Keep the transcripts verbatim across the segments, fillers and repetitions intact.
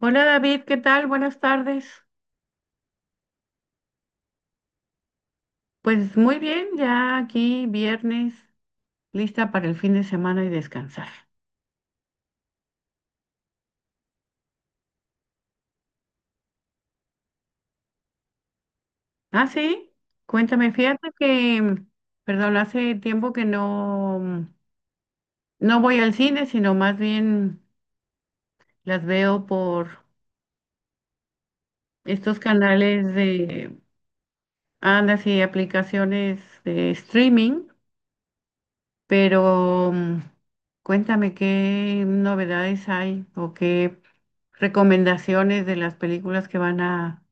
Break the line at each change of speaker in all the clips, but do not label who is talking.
Hola David, ¿qué tal? Buenas tardes. Pues muy bien, ya aquí viernes, lista para el fin de semana y descansar. Ah, sí, cuéntame, fíjate que, perdón, hace tiempo que no, no voy al cine, sino más bien las veo por estos canales de, anda, sí, aplicaciones de streaming. Pero mm, cuéntame qué novedades hay o qué recomendaciones de las películas que van a,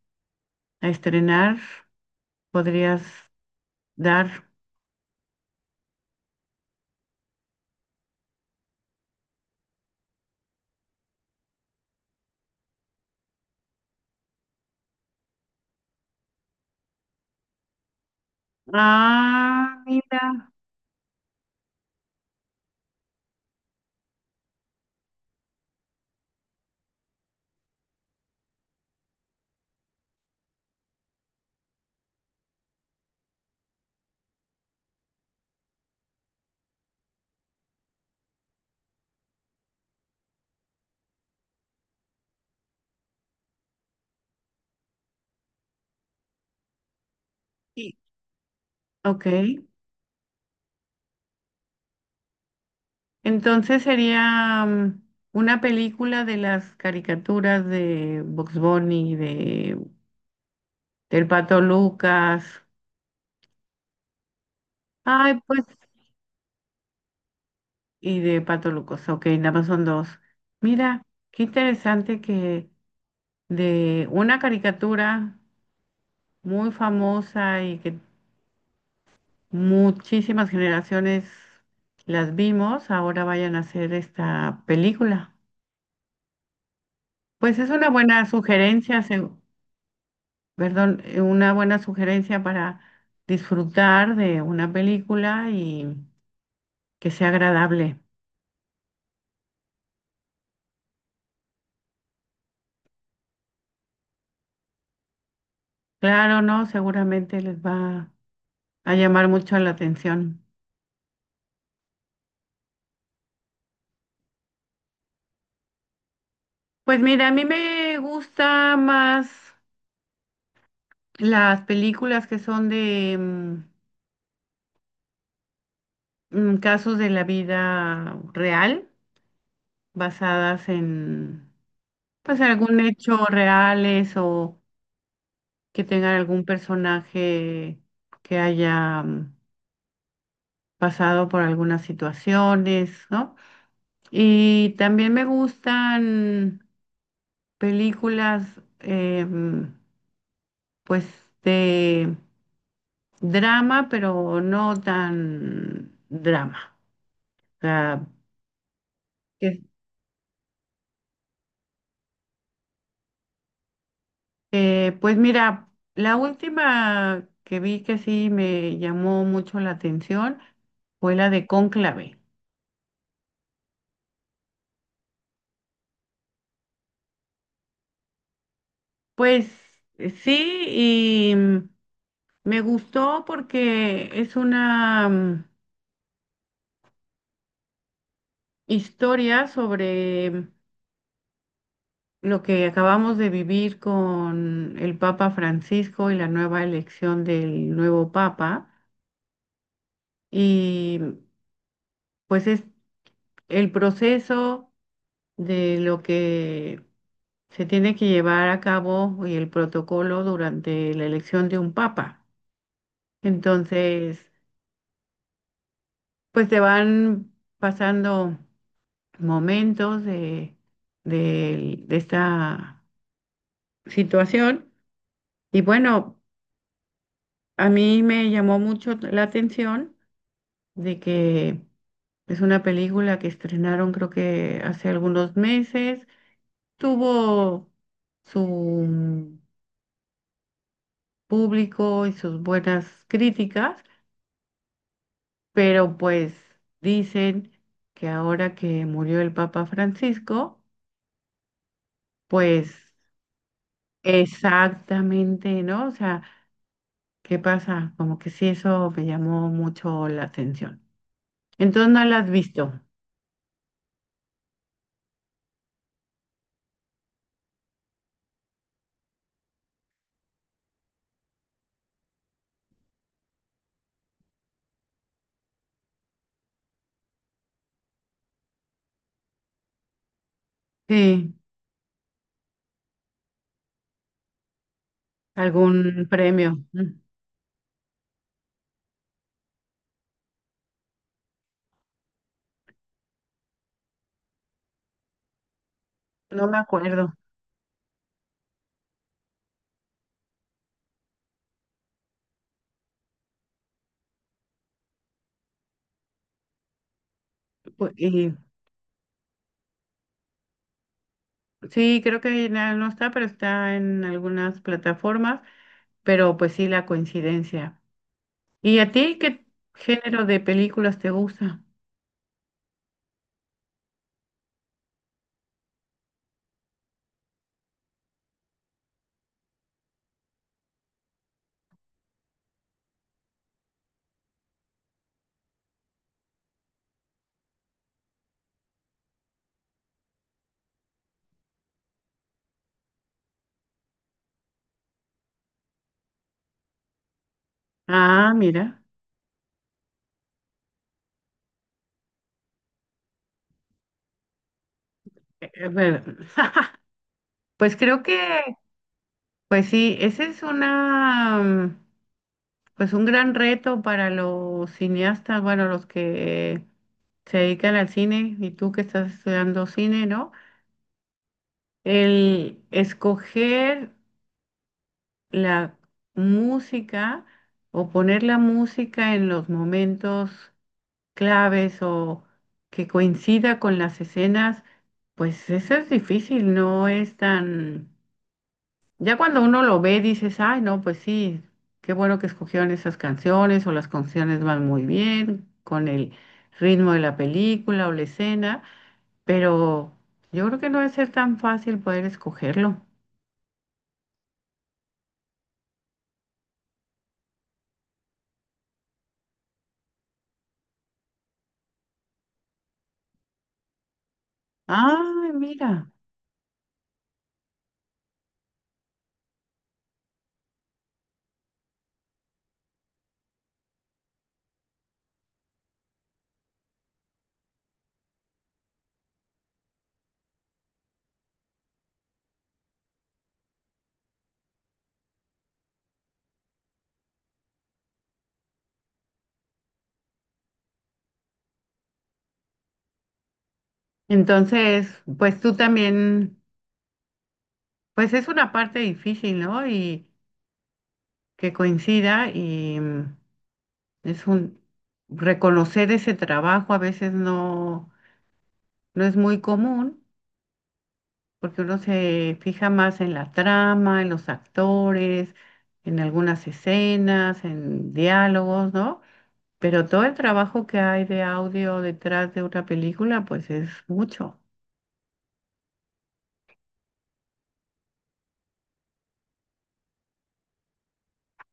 a estrenar podrías dar. Ah, mira. Sí. Ok. Entonces sería mm, una película de las caricaturas de Bugs Bunny, de, del Pato Lucas. Ay, pues, y de Pato Lucas. Ok, nada más son dos. Mira, qué interesante que de una caricatura muy famosa y que muchísimas generaciones las vimos, ahora vayan a hacer esta película. Pues es una buena sugerencia, se- perdón, eh, una buena sugerencia para disfrutar de una película y que sea agradable. Claro, ¿no? Seguramente les va a llamar mucho la atención. Pues mira, a mí me gusta más las películas que son de, mm, mm, casos de la vida real, basadas en, pues, algún hecho reales o que tengan algún personaje que haya mm, pasado por algunas situaciones, ¿no? Y también me gustan películas, em, pues, de drama, pero no tan drama. O sea, que eh, pues mira, la última que vi que sí me llamó mucho la atención fue la de Cónclave. Pues eh, sí, y mm, me gustó porque es una mm, historia sobre mm, lo que acabamos de vivir con el Papa Francisco y la nueva elección del nuevo Papa. Y mm, pues es el proceso de lo que se tiene que llevar a cabo el protocolo durante la elección de un papa. Entonces, pues te van pasando momentos de, de- de esta situación. Y bueno, a mí me llamó mucho la atención de que es una película que estrenaron creo que hace algunos meses. Tuvo su público y sus buenas críticas. Pero pues dicen que ahora que murió el Papa Francisco, pues exactamente, ¿no? O sea, ¿qué pasa? Como que sí, eso me llamó mucho la atención. Entonces no la has visto. Sí, algún premio. Mm, No me acuerdo. Pu- Y sí, creo que na- no está, pero está en algunas plataformas, pero pues sí, la coincidencia. ¿Y a ti qué género de películas te gusta? Ah, mira. Eh, ver- Pues creo que, pues sí, ese es una, mm, pues un gran reto para los cineastas, bueno, los que se dedican al cine y tú que estás estudiando cine, ¿no? El escoger la música o poner la música en los momentos claves o que coincida con las escenas, pues eso es difícil, no es tan ya cuando uno lo ve, dices, ay, no, pues sí, qué bueno que escogieron esas canciones o las canciones van muy bien con el ritmo de la película o la escena, pero yo creo que no debe ser tan fácil poder escogerlo. Ah, mira. Entonces, pues tú también, pues es una parte difícil, ¿no? Y que coincida y mm, es un reconocer ese trabajo a veces no, no es muy común. Porque uno se fija más en la trama, en los actores, en algunas escenas, en diálogos, ¿no? Pero todo el trabajo que hay de audio detrás de una película, pues es mucho.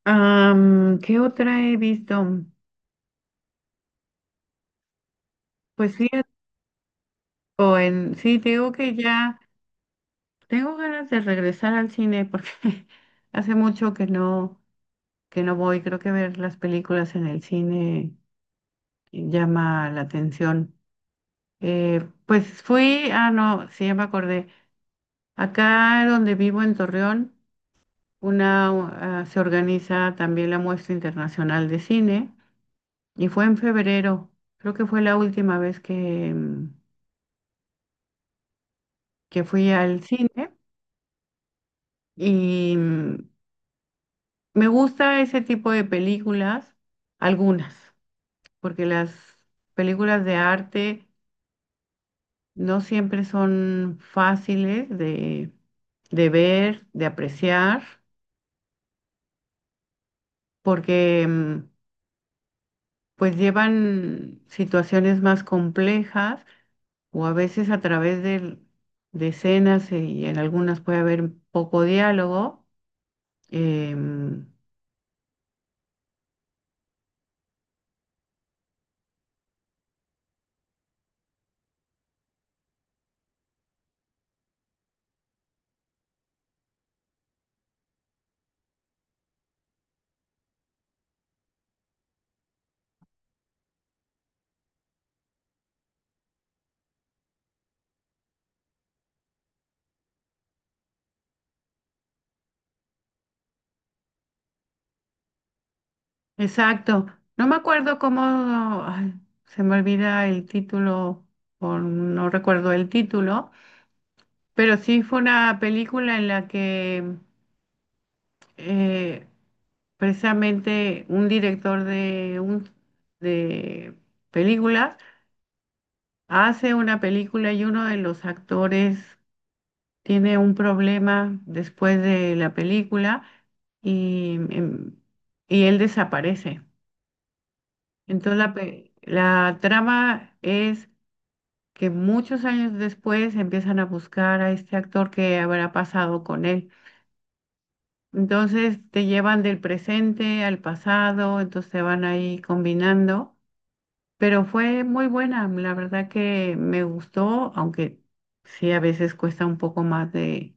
Am, ¿qué otra he visto? Pues sí, o en, sí, te digo que ya tengo ganas de regresar al cine porque hace mucho que no, que no voy. Creo que ver las películas en el cine llama la atención. Eh, pues fui, ah, no, sí, ya me acordé. Acá donde vivo en Torreón, una, u- ah, se organiza también la muestra internacional de cine y fue en febrero. Creo que fue la última vez que, mm, que fui al cine y mm, me gusta ese tipo de películas, algunas, porque las películas de arte no siempre son fáciles de, de ver, de apreciar, porque mm, pues llevan situaciones más complejas o a veces a través del- de escenas eh, y en algunas puede haber poco diálogo. Em, exacto. No me acuerdo cómo, ay, se me olvida el título o no recuerdo el título, pero sí fue una película en la que eh, precisamente un director de, un, de películas hace una película y uno de los actores tiene un problema después de la película y, em, y él desaparece. Entonces la, pe- la trama es que muchos años después empiezan a buscar a este actor que habrá pasado con él. Entonces te llevan del presente al pasado, entonces te van ahí combinando. Pero fue muy buena, la verdad que me gustó, aunque sí a veces cuesta un poco más de,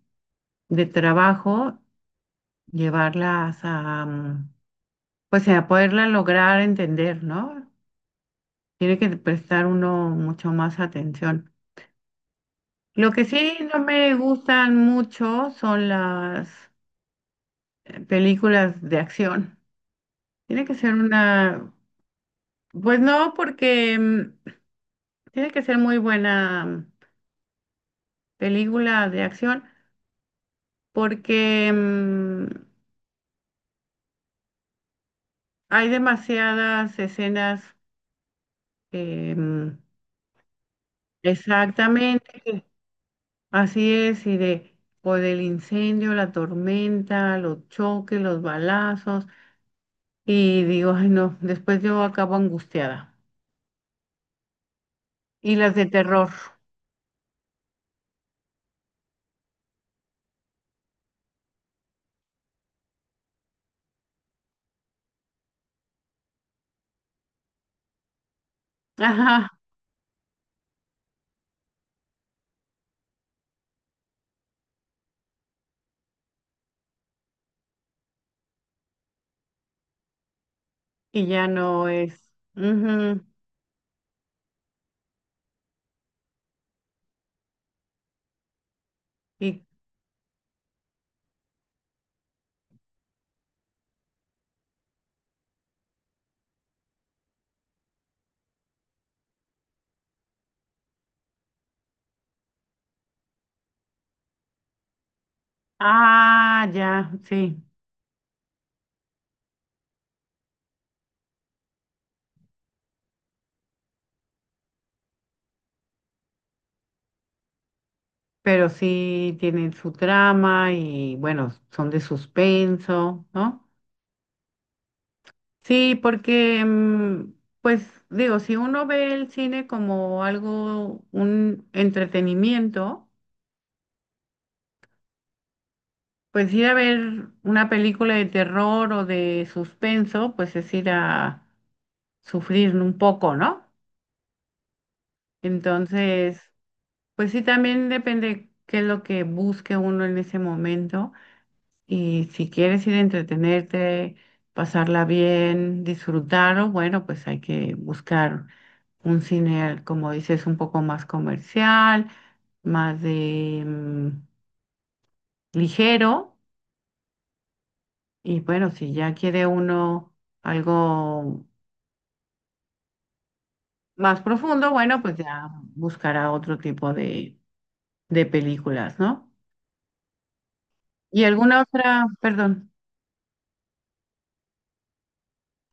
de trabajo llevarlas a, mm, pues a poderla lograr entender, ¿no? Tiene que prestar uno mucho más atención. Lo que sí no me gustan mucho son las eh, películas de acción. Tiene que ser una, pues no, porque mm, tiene que ser muy buena mm, película de acción. Porque mm, hay demasiadas escenas eh, mm, exactamente, que- así es, y de, o del incendio, la tormenta, los choques, los balazos, y digo, ay no, después yo acabo angustiada. Y las de terror, ajá, y ya no es, ujú, y, ah, ya, sí. Pero sí tienen su trama y bueno, son de suspenso, ¿no? Sí, porque, mm, pues digo, si uno ve el cine como algo, un entretenimiento, pues ir a ver una película de terror o de suspenso, pues es ir a sufrir un poco, ¿no? Entonces, pues sí, también depende qué es lo que busque uno en ese momento. Y si quieres ir a entretenerte, pasarla bien, disfrutarlo, bueno, pues hay que buscar un cine, como dices, un poco más comercial, más de mm, ligero. Y bueno, si ya quiere uno algo más profundo, bueno, pues ya buscará otro tipo de, de películas, ¿no? Y alguna otra, perdón,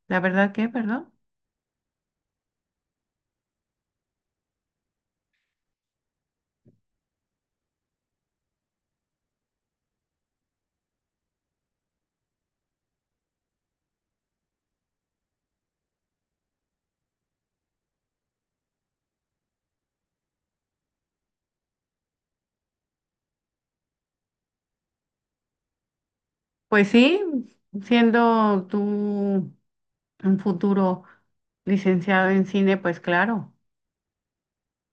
la verdad que, perdón. Pues sí, siendo tú un futuro licenciado en cine, pues claro,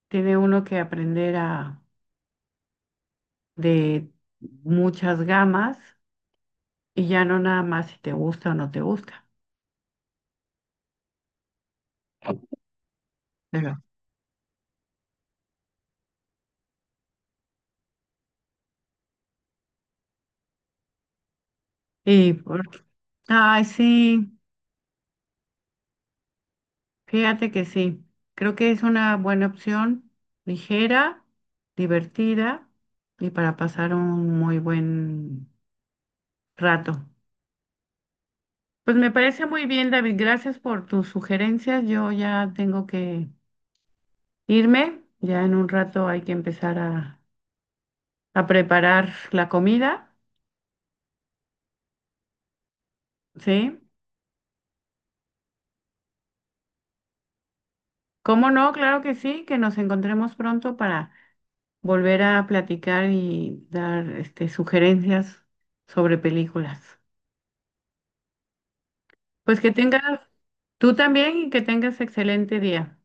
tiene uno que aprender a, de muchas gamas y ya no nada más si te gusta o no te gusta. Pero- y por- ay, sí, fíjate que sí. Creo que es una buena opción, ligera, divertida y para pasar un muy buen rato. Pues me parece muy bien, David. Gracias por tus sugerencias. Yo ya tengo que irme. Ya en un rato hay que empezar a, a preparar la comida, ¿sí? ¿Cómo no? Claro que sí, que nos encontremos pronto para volver a platicar y dar este, sugerencias sobre películas. Pues que tengas tú también y que tengas excelente día.